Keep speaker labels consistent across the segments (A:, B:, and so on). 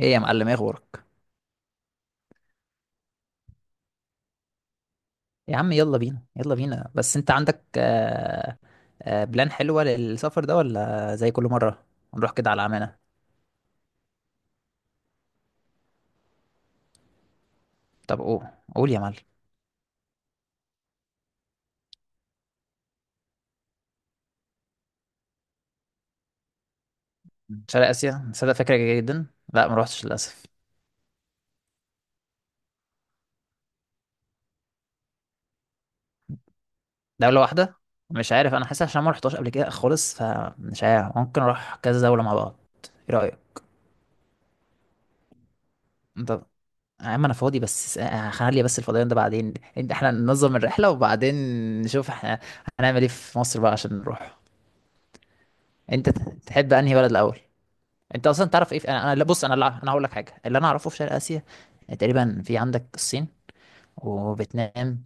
A: ايه يا معلم، ايه اخبارك؟ يا عم يلا بينا، يلا بينا، بس انت عندك بلان حلوة للسفر ده ولا زي كل مرة؟ نروح كده على عمانة. طب قول يا معلم. شرق اسيا، صدق فكرة جيدة جدا. لا، ما روحتش للاسف. دولة واحدة. مش عارف، انا حاسس عشان ما رحتهاش قبل كده خالص فمش عارف، ممكن اروح كذا دولة مع بعض. ايه رأيك؟ انت؟ يا عم انا فاضي بس خلي بس الفضيان ده بعدين، انت احنا ننظم الرحلة وبعدين نشوف احنا هنعمل ايه في مصر بقى عشان نروح. انت تحب انهي بلد الاول؟ انت اصلا تعرف ايه في... لا، بص انا انا هقول لك حاجه اللي انا اعرفه في شرق اسيا. تقريبا في عندك الصين، وفيتنام،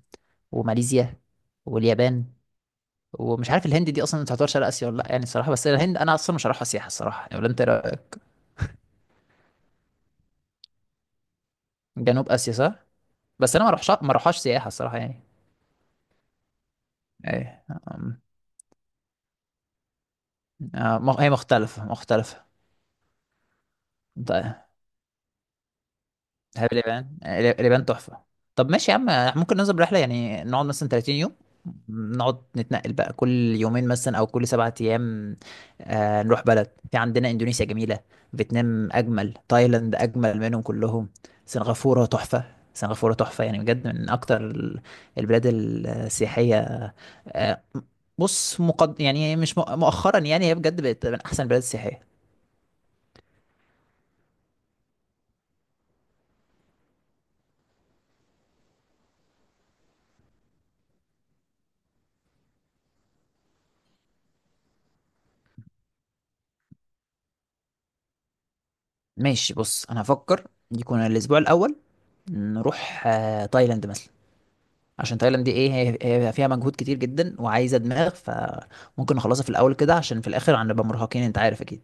A: وماليزيا، واليابان، ومش عارف الهند دي اصلا تعتبر شرق اسيا ولا لا يعني الصراحه، بس الهند انا اصلا مش هروحها سياحه الصراحه يعني، ولا انت إيه رأيك؟ جنوب اسيا، صح. بس انا ما اروحش، ما اروحهاش سياحه الصراحه يعني. ايه هي مختلفه مختلفه. طيب. دهب اليابان، اليابان تحفة. طب ماشي يا عم، ممكن ننزل رحلة يعني نقعد مثلا 30 يوم، نقعد نتنقل بقى كل 2 يوم مثلا او كل 7 ايام. نروح بلد، في عندنا اندونيسيا جميلة، فيتنام اجمل، تايلاند اجمل منهم كلهم، سنغافورة تحفة، سنغافورة تحفة، يعني بجد من اكتر البلاد السياحية. آه بص، مقد يعني، مش مؤخرا يعني هي بجد بقت من احسن البلاد السياحية. ماشي، بص انا هفكر. يكون الاسبوع الاول نروح تايلاند مثلا، عشان تايلاند دي ايه، هي فيها مجهود كتير جدا وعايزه دماغ فممكن نخلصها في الاول كده عشان في الاخر هنبقى مرهقين، انت عارف اكيد.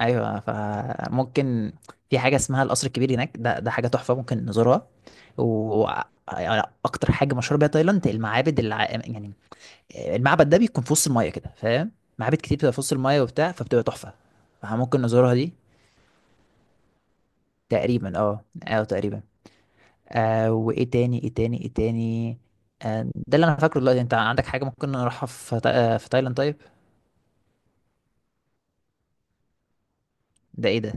A: ايوه، فممكن. في حاجه اسمها القصر الكبير هناك ده حاجه تحفه ممكن نزورها. واكتر حاجه مشهوره بيها تايلاند المعابد يعني المعبد ده بيكون في وسط المايه كده، فاهم؟ معابد كتير بتبقى في وسط المايه وبتاع فبتبقى تحفه. فممكن نزورها دي. تقريبا، اه، اه، تقريبا. وايه تاني، ايه تاني، ايه تاني. ده اللي انا فاكره دلوقتي، انت عندك حاجه ممكن نروحها في تا... آه، في تايلاند؟ طيب. ده ايه ده؟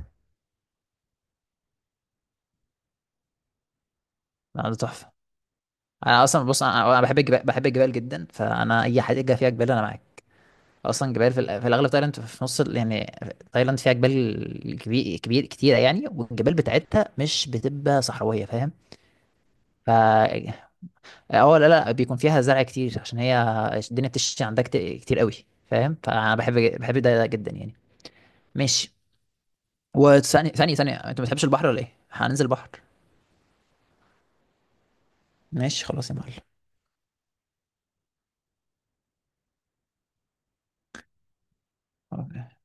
A: ده تحفه. انا اصلا، بص، انا بحب الجبال، بحب الجبال جدا، فانا اي حاجه فيها جبال انا معاك. اصلا جبال في الاغلب تايلاند، في نص يعني تايلاند فيها جبال كبير كبير كتيره يعني، والجبال بتاعتها مش بتبقى صحراويه، فاهم؟ ف اه لا، لا، بيكون فيها زرع كتير عشان هي الدنيا بتشتي عندها كتير قوي، فاهم؟ فانا بحب ده جدا يعني. ماشي. وثانية ثانية ثانية، انت ما بتحبش البحر ولا ايه؟ هننزل بحر. ماشي خلاص يا معلم. خلاص.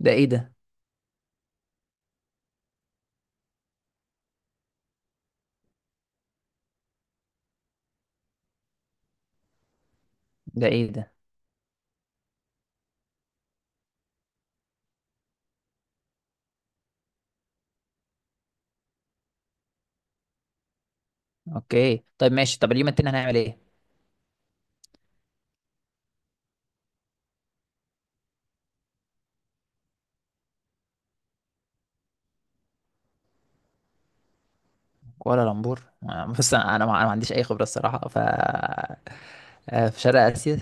A: ده ايه ده؟ ده ايه ده؟ اوكي، طيب ماشي، طب اليوم التاني هنعمل ايه؟ كوالا لامبور؟ بص انا ما عنديش اي خبرة الصراحة، ف في شرق اسيا؟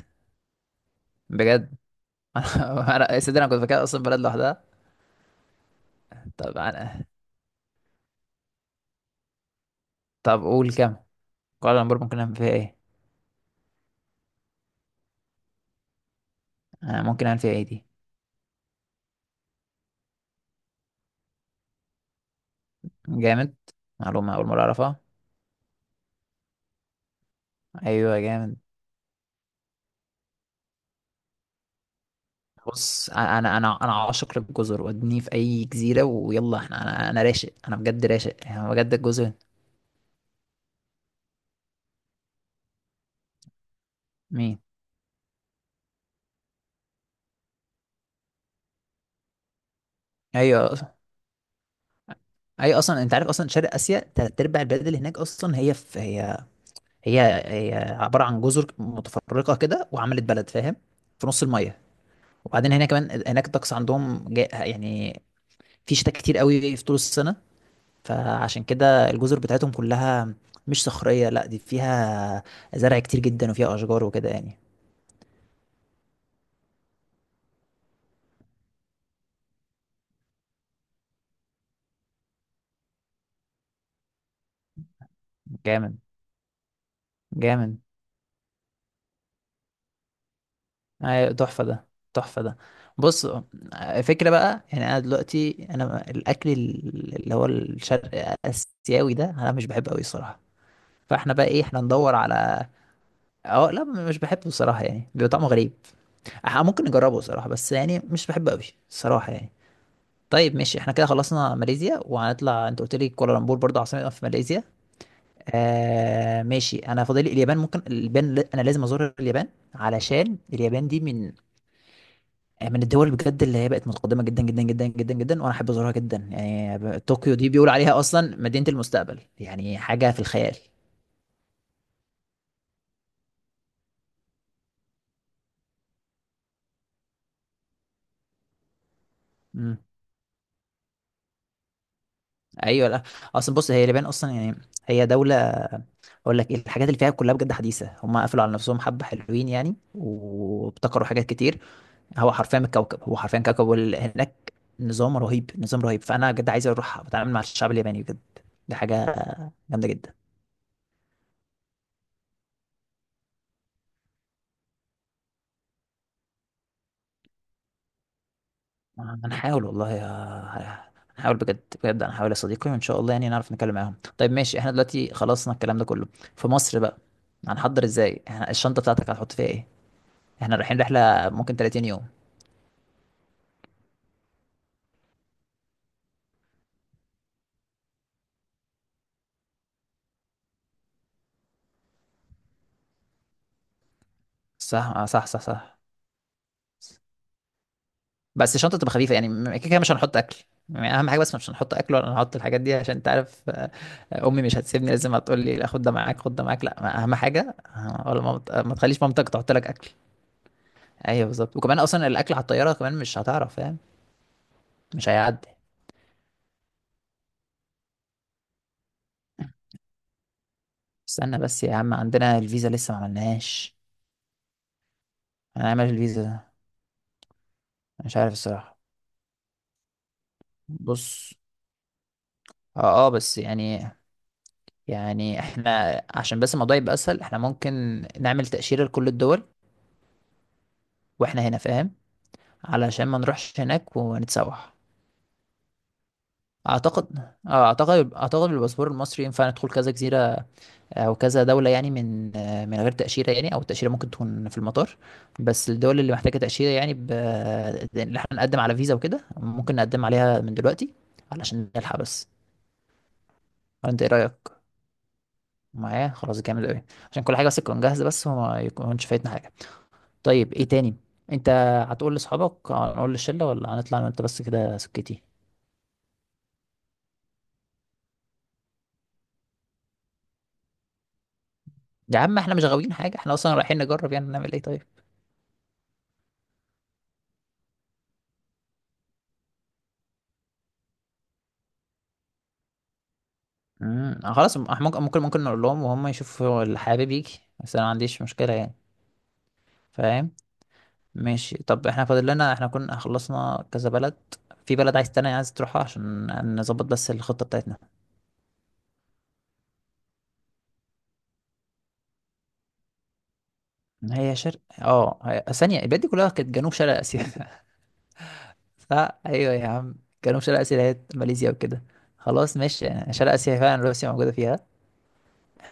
A: بجد؟ يا سيدي انا كنت فاكرها اصلا بلد لوحدها. طب أنا... طب قول كام؟ كوالا لامبور ممكن نعمل فيها ايه؟ ممكن نعمل فيها ايه دي؟ جامد. معلومة أول مرة أعرفها. أيوة جامد. بص انا عاشق للجزر، ودني في اي جزيره ويلا احنا، انا راشق، انا بجد راشق يعني، انا بجد الجزر. مين؟ ايوه، ايوه، اصلا انت عارف، اصلا شرق اسيا تلات ارباع البلاد اللي هناك اصلا هي هي عباره عن جزر متفرقه كده وعملت بلد، فاهم؟ في نص الميه. وبعدين هنا كمان هناك الطقس عندهم يعني في شتاء كتير قوي في طول السنه، فعشان كده الجزر بتاعتهم كلها مش صخريه، لا دي فيها زرع كتير جدا وفيها اشجار وكده يعني. جامد. جامد. أيوة، تحفة ده، تحفة ده. بص، فكرة بقى يعني، أنا دلوقتي أنا الأكل اللي هو الشرق آسيوي ده أنا مش بحبه أوي الصراحة. فاحنا بقى إيه، احنا ندور على، اه لا، مش بحبه الصراحة يعني، بيبقى طعمه غريب. احنا ممكن نجربه الصراحة بس يعني مش بحبه أوي الصراحة يعني. طيب ماشي، احنا كده خلصنا ماليزيا وهنطلع. انت قلت لي كوالالمبور برضه عاصمة في ماليزيا. ماشي، انا فاضل لي اليابان. ممكن اليابان، انا لازم ازور اليابان، علشان اليابان دي من الدول بجد اللي هي بقت متقدمه جدا جدا جدا جدا جدا، وانا احب ازورها جدا يعني. طوكيو دي بيقولوا عليها اصلا مدينه المستقبل، يعني حاجه في الخيال. امم ايوه، لا، اصلا بص، هي اليابان اصلا يعني، هي دوله، اقول لك ايه، الحاجات اللي فيها كلها بجد حديثه. هم قفلوا على نفسهم حبه، حلوين يعني وابتكروا حاجات كتير. هو حرفيا الكوكب، هو حرفيا كوكب. هناك نظام رهيب، نظام رهيب، فانا بجد عايز اروح اتعامل مع الشعب الياباني بجد. دي حاجه جامده جدا. هنحاول والله، هنحاول بجد، بجد هنحاول يا صديقي وان شاء الله يعني نعرف نتكلم معاهم. طيب ماشي، احنا دلوقتي خلصنا الكلام ده كله. في مصر بقى هنحضر ازاي؟ احنا الشنطة بتاعتك هتحط فيها ايه؟ احنا رايحين رحلة ممكن 30 يوم. صح، صح، صح، صح. بس الشنطة تبقى خفيفة يعني، كده كده مش هنحط اكل يعني، اهم حاجة بس مش هنحط اكل ولا هنحط الحاجات دي، عشان انت عارف امي مش هتسيبني، لازم هتقول لي لا خد ده معاك، خد ده معاك، لا اهم حاجة. ما تخليش مامتك تحط لك اكل. ايوه بالظبط، وكمان اصلا الاكل على الطياره كمان مش هتعرف، فاهم؟ مش هيعدي. استنى بس يا عم، عندنا الفيزا لسه ما عملناهاش. هنعمل الفيزا ده، مش عارف الصراحة. بص، اه، اه، بس يعني، يعني احنا عشان بس الموضوع يبقى اسهل، احنا ممكن نعمل تأشيرة لكل الدول واحنا هنا، فاهم؟ علشان ما نروحش هناك ونتسوح. اعتقد، اه، اعتقد بالباسبور المصري ينفع ندخل كذا جزيرة او كذا دوله يعني من غير تاشيره، يعني او التاشيره ممكن تكون في المطار. بس الدول اللي محتاجه تاشيره يعني اللي احنا نقدم على فيزا وكده، ممكن نقدم عليها من دلوقتي علشان نلحق بس. انت ايه رايك؟ معايا؟ خلاص، جامد قوي. عشان كل حاجه بس تكون جاهزه بس، وما يكونش فايتنا حاجه. طيب ايه تاني؟ انت هتقول لاصحابك؟ هنقول للشله ولا هنطلع انا وانت بس كده سكتي؟ يا عم احنا مش غاويين حاجه، احنا اصلا رايحين نجرب يعني، نعمل ايه طيب. خلاص، ممكن نقول لهم وهم يشوفوا اللي حابب يجي، بس انا ما عنديش مشكله يعني، فاهم؟ ماشي. طب احنا فاضل لنا، احنا كنا خلصنا كذا بلد، في بلد عايز تاني، عايز تروحها عشان نظبط بس الخطة بتاعتنا. هي شرق هي... ثانية، البلاد دي كلها كانت جنوب شرق آسيا. صح، ايوه يا عم، جنوب شرق آسيا، اللي هي ماليزيا وكده. خلاص ماشي يعني، شرق آسيا فعلا، روسيا موجودة فيها.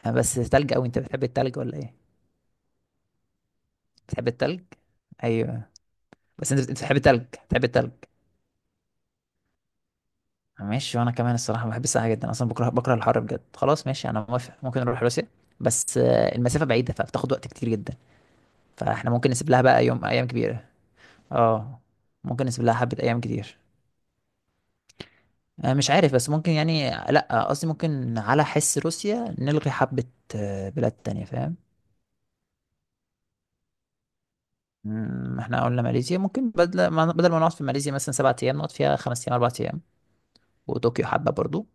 A: بس تلج قوي، انت بتحب التلج ولا ايه؟ بتحب التلج؟ ايوه. بس انت بتحب التلج، بتحب التلج. ماشي، وانا كمان الصراحه بحب الساعه جدا، اصلا بكره، بكره الحر بجد. خلاص ماشي، انا موافق، ممكن نروح روسيا، بس المسافه بعيده فبتاخد وقت كتير جدا. فاحنا ممكن نسيب لها بقى يوم، ايام كبيره. اه. ممكن نسيب لها حبه ايام كتير. مش عارف، بس ممكن يعني، لا قصدي ممكن على حس روسيا نلغي حبه بلاد تانية، فاهم؟ مم، احنا قلنا ماليزيا ممكن بدل ما، نقعد في ماليزيا مثلا 7 ايام، نقعد فيها 5 ايام، 4 ايام. وطوكيو حبه برضو.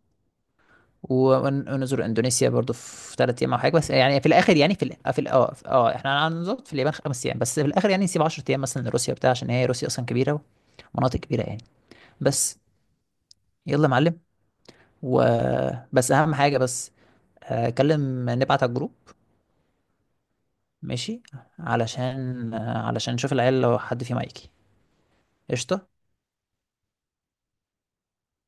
A: ونزور اندونيسيا برضو في 3 ايام او حاجه، بس يعني في الاخر يعني في ال- في ال- اه في- اه احنا هنظبط في اليابان 5 ايام، بس في الاخر يعني نسيب 10 ايام مثلا لروسيا بتاع، عشان هي روسيا اصلا كبيره ومناطق كبيره يعني. بس. يلا يا معلم. وبس اهم حاجه، بس كلم نبعت على الجروب. ماشي، علشان نشوف العيال لو حد فيهم هيجي. قشطه.